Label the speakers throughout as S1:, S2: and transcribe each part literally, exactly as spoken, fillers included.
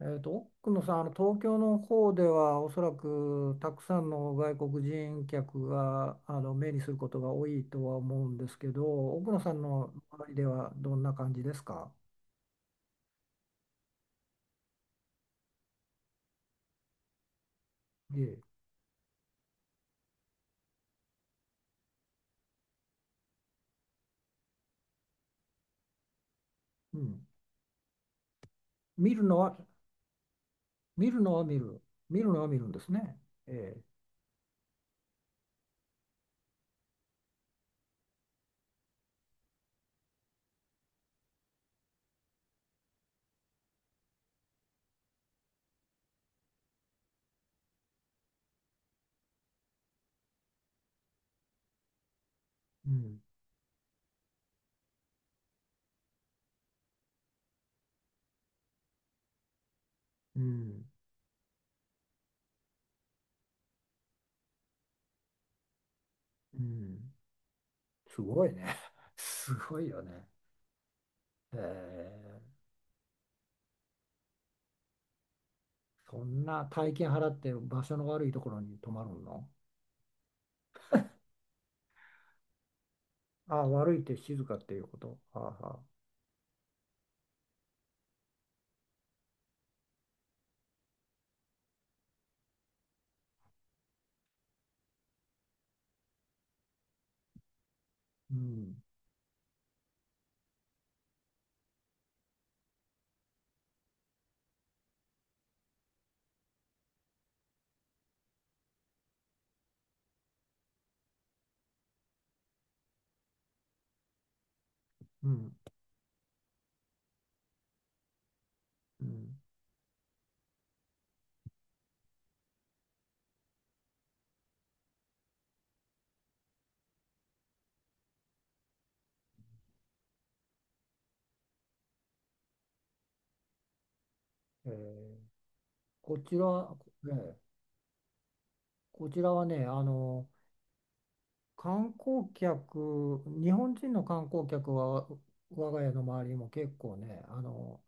S1: えーと、奥野さん、あの東京の方ではおそらくたくさんの外国人客があの目にすることが多いとは思うんですけど、奥野さんの周りではどんな感じですか？ええ、うん。見るのは、見るのは見る。見るのは見るんですね。ええ、うん、うん、うん。すごいね。すごいよね。ええ、そんな大金払って場所の悪いところに泊まるの？ああ、悪いって静かっていうこと。はあはあ。うん、うん、うん。えーこちら、ね、こちらはね、あの、観光客、日本人の観光客は、我が家の周りにも結構ね、あの、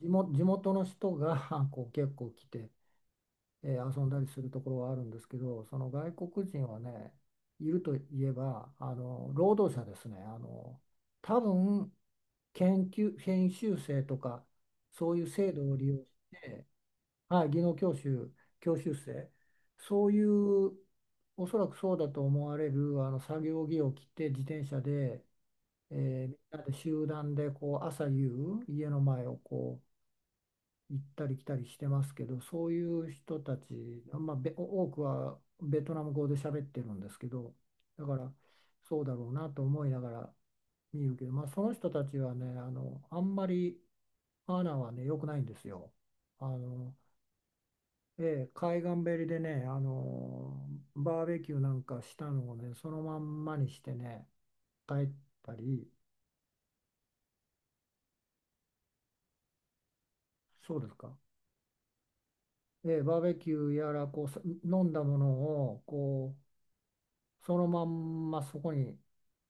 S1: 地元、地元の人が こう結構来て、えー遊んだりするところはあるんですけど、その外国人はね、いるといえば、あの、労働者ですね。あの、多分、研究、研修生とか、そういう制度を利用して、はい、技能教習、教習生、そういう、おそらくそうだと思われるあの作業着を着て自転車で、えーみんなで集団でこう朝夕家の前をこう行ったり来たりしてますけどそういう人たち、まあ、べ多くはベトナム語で喋ってるんですけど、だからそうだろうなと思いながら見るけど、まあ、その人たちはねあのあんまりマナーはね良くないんですよ。あのええ、海岸べりでね、あのバーベキューなんかしたのをね、そのまんまにしてね、帰ったり、そうですか、ええ、バーベキューやらこう、さ飲んだものをこうそのまんまそこに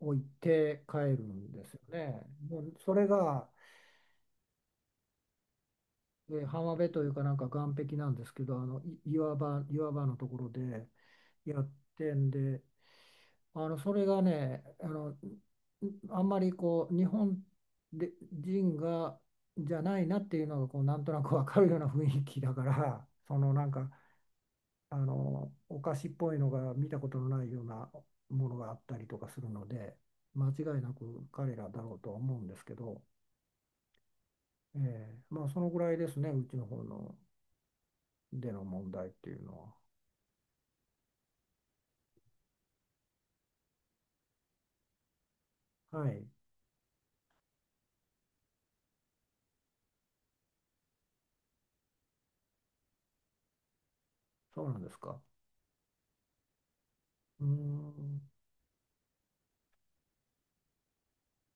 S1: 置いて帰るんですよね。もうそれが、ええ、浜辺というか、なんか岸壁なんですけど、あのい岩場、岩場のところでやってんで、あのそれがねあのあんまりこう日本で人がじゃないなっていうのがこうなんとなくわかるような雰囲気だから そのなんかあのお菓子っぽいのが見たことのないようなものがあったりとかするので間違いなく彼らだろうとは思うんですけど、ええ、まあそのぐらいですね。うちの方のでの問題っていうのは。はい、そうなんですか。うーん、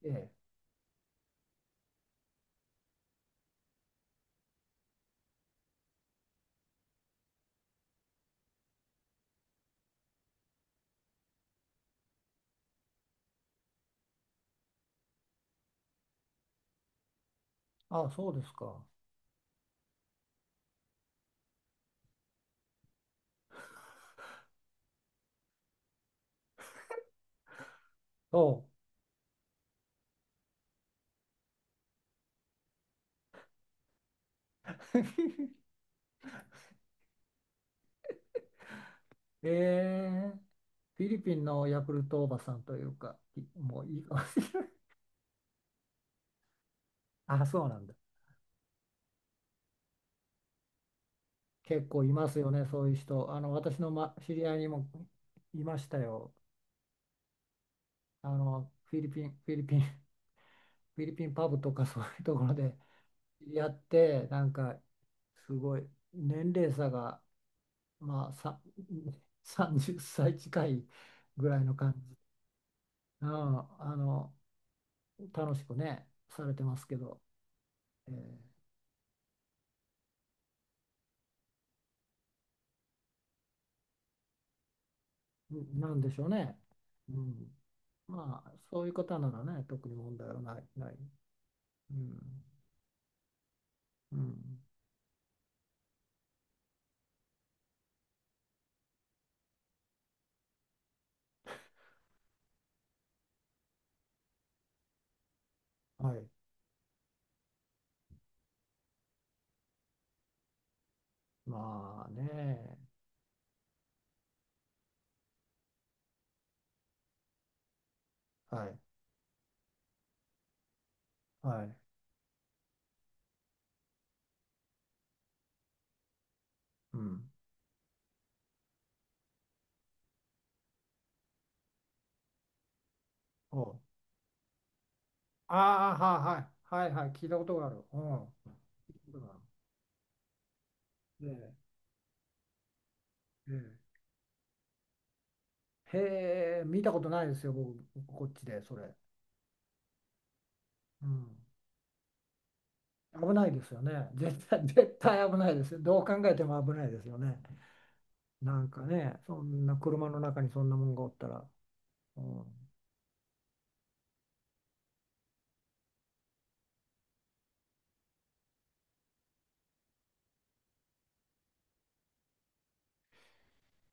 S1: ええ、あ、そうですか。そう。ええ、フィリピンのヤクルトおばさんというか、いもういいかもしれない。あ、そうなんだ。結構いますよね、そういう人。あの、私の、ま、知り合いにもいましたよ。あの、フィリピン、フィリピン、フィリピンパブとか そういうところでやって、なんか、すごい、年齢差が、まあ、さ、さんじゅっさい近いぐらいの感じ。うん、あの、楽しくね、されてますけど、えー、なんでしょうね。うん。まあ、そういう方ならね、特に問題はない、ない。うん。うん。はい。まあね。はい。はい。うん。おう。ああ、はい、はい。はい、はい。聞いたことがある。うん。聞いたことがある。ええ。ええ。へえ、見たことないですよ、僕、こっちで、それ。うん。危ないですよね。絶対、絶対危ないですよ。どう考えても危ないですよね。なんかね、そんな車の中にそんなもんがおったら、うん、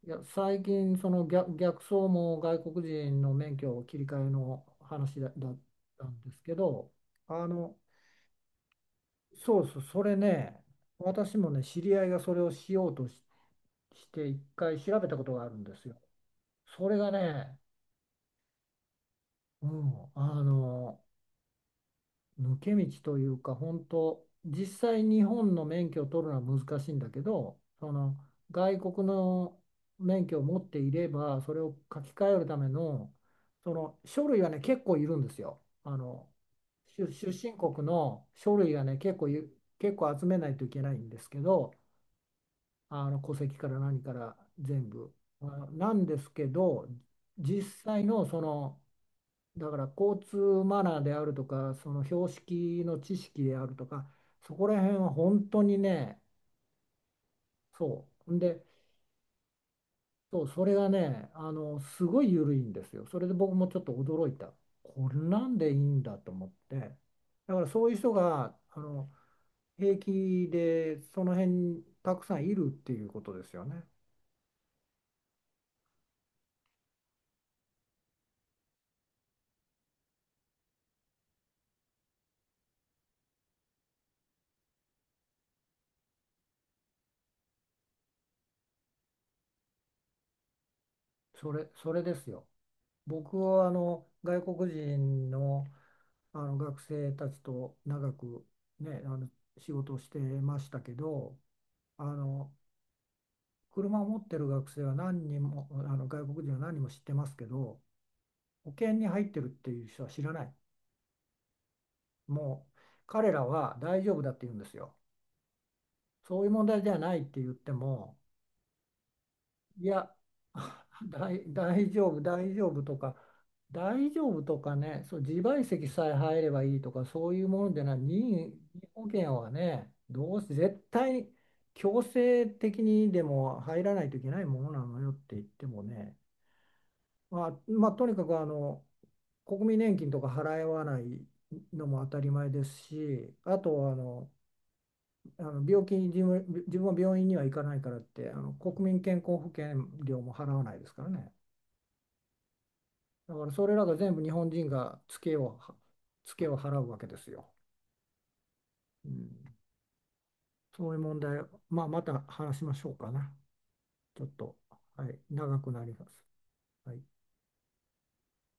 S1: いや、最近、その逆、逆走も外国人の免許を切り替えの話だ、だったんですけど、あの、そうそう、それね、私もね、知り合いがそれをしようとし、して、一回調べたことがあるんですよ。それがね、うん、あの、抜け道というか本当実際日本の免許を取るのは難しいんだけどその外国の免許を持っていればそれを書き換えるためのその書類はね結構いるんですよ。あの出、出身国の書類はね結構ゆ結構集めないといけないんですけどあの戸籍から何から全部。あなんですけど実際のそのだから交通マナーであるとか、その標識の知識であるとか、そこら辺は本当にね、そう。んで、そう、それがね、あの、すごい緩いんですよ。それで僕もちょっと驚いた。こんなんでいいんだと思って。だからそういう人が、あの、平気でその辺にたくさんいるっていうことですよね。それ、それですよ。僕はあの外国人の、あの学生たちと長く、ね、あの仕事をしてましたけどあの車を持ってる学生は何人もあの外国人は何人も知ってますけど保険に入ってるっていう人は知らない。もう彼らは大丈夫だって言うんですよ。そういう問題ではないって言っても、いや、大、大丈夫、大丈夫とか、大丈夫とかね、そう、自賠責さえ入ればいいとか、そういうものじゃない、任意保険はね、どうせ絶対強制的にでも入らないといけないものなのよって言ってもね、まあ、まあ、とにかくあの国民年金とか払わないのも当たり前ですし、あとあの、あの病気に自分、自分は病院には行かないからって、あの国民健康保険料も払わないですからね。だからそれらが全部日本人がツケをは、ツケを払うわけですよ。うん、そういう問題、まあ、また話しましょうかな。ちょっと、はい、長くなります。はい。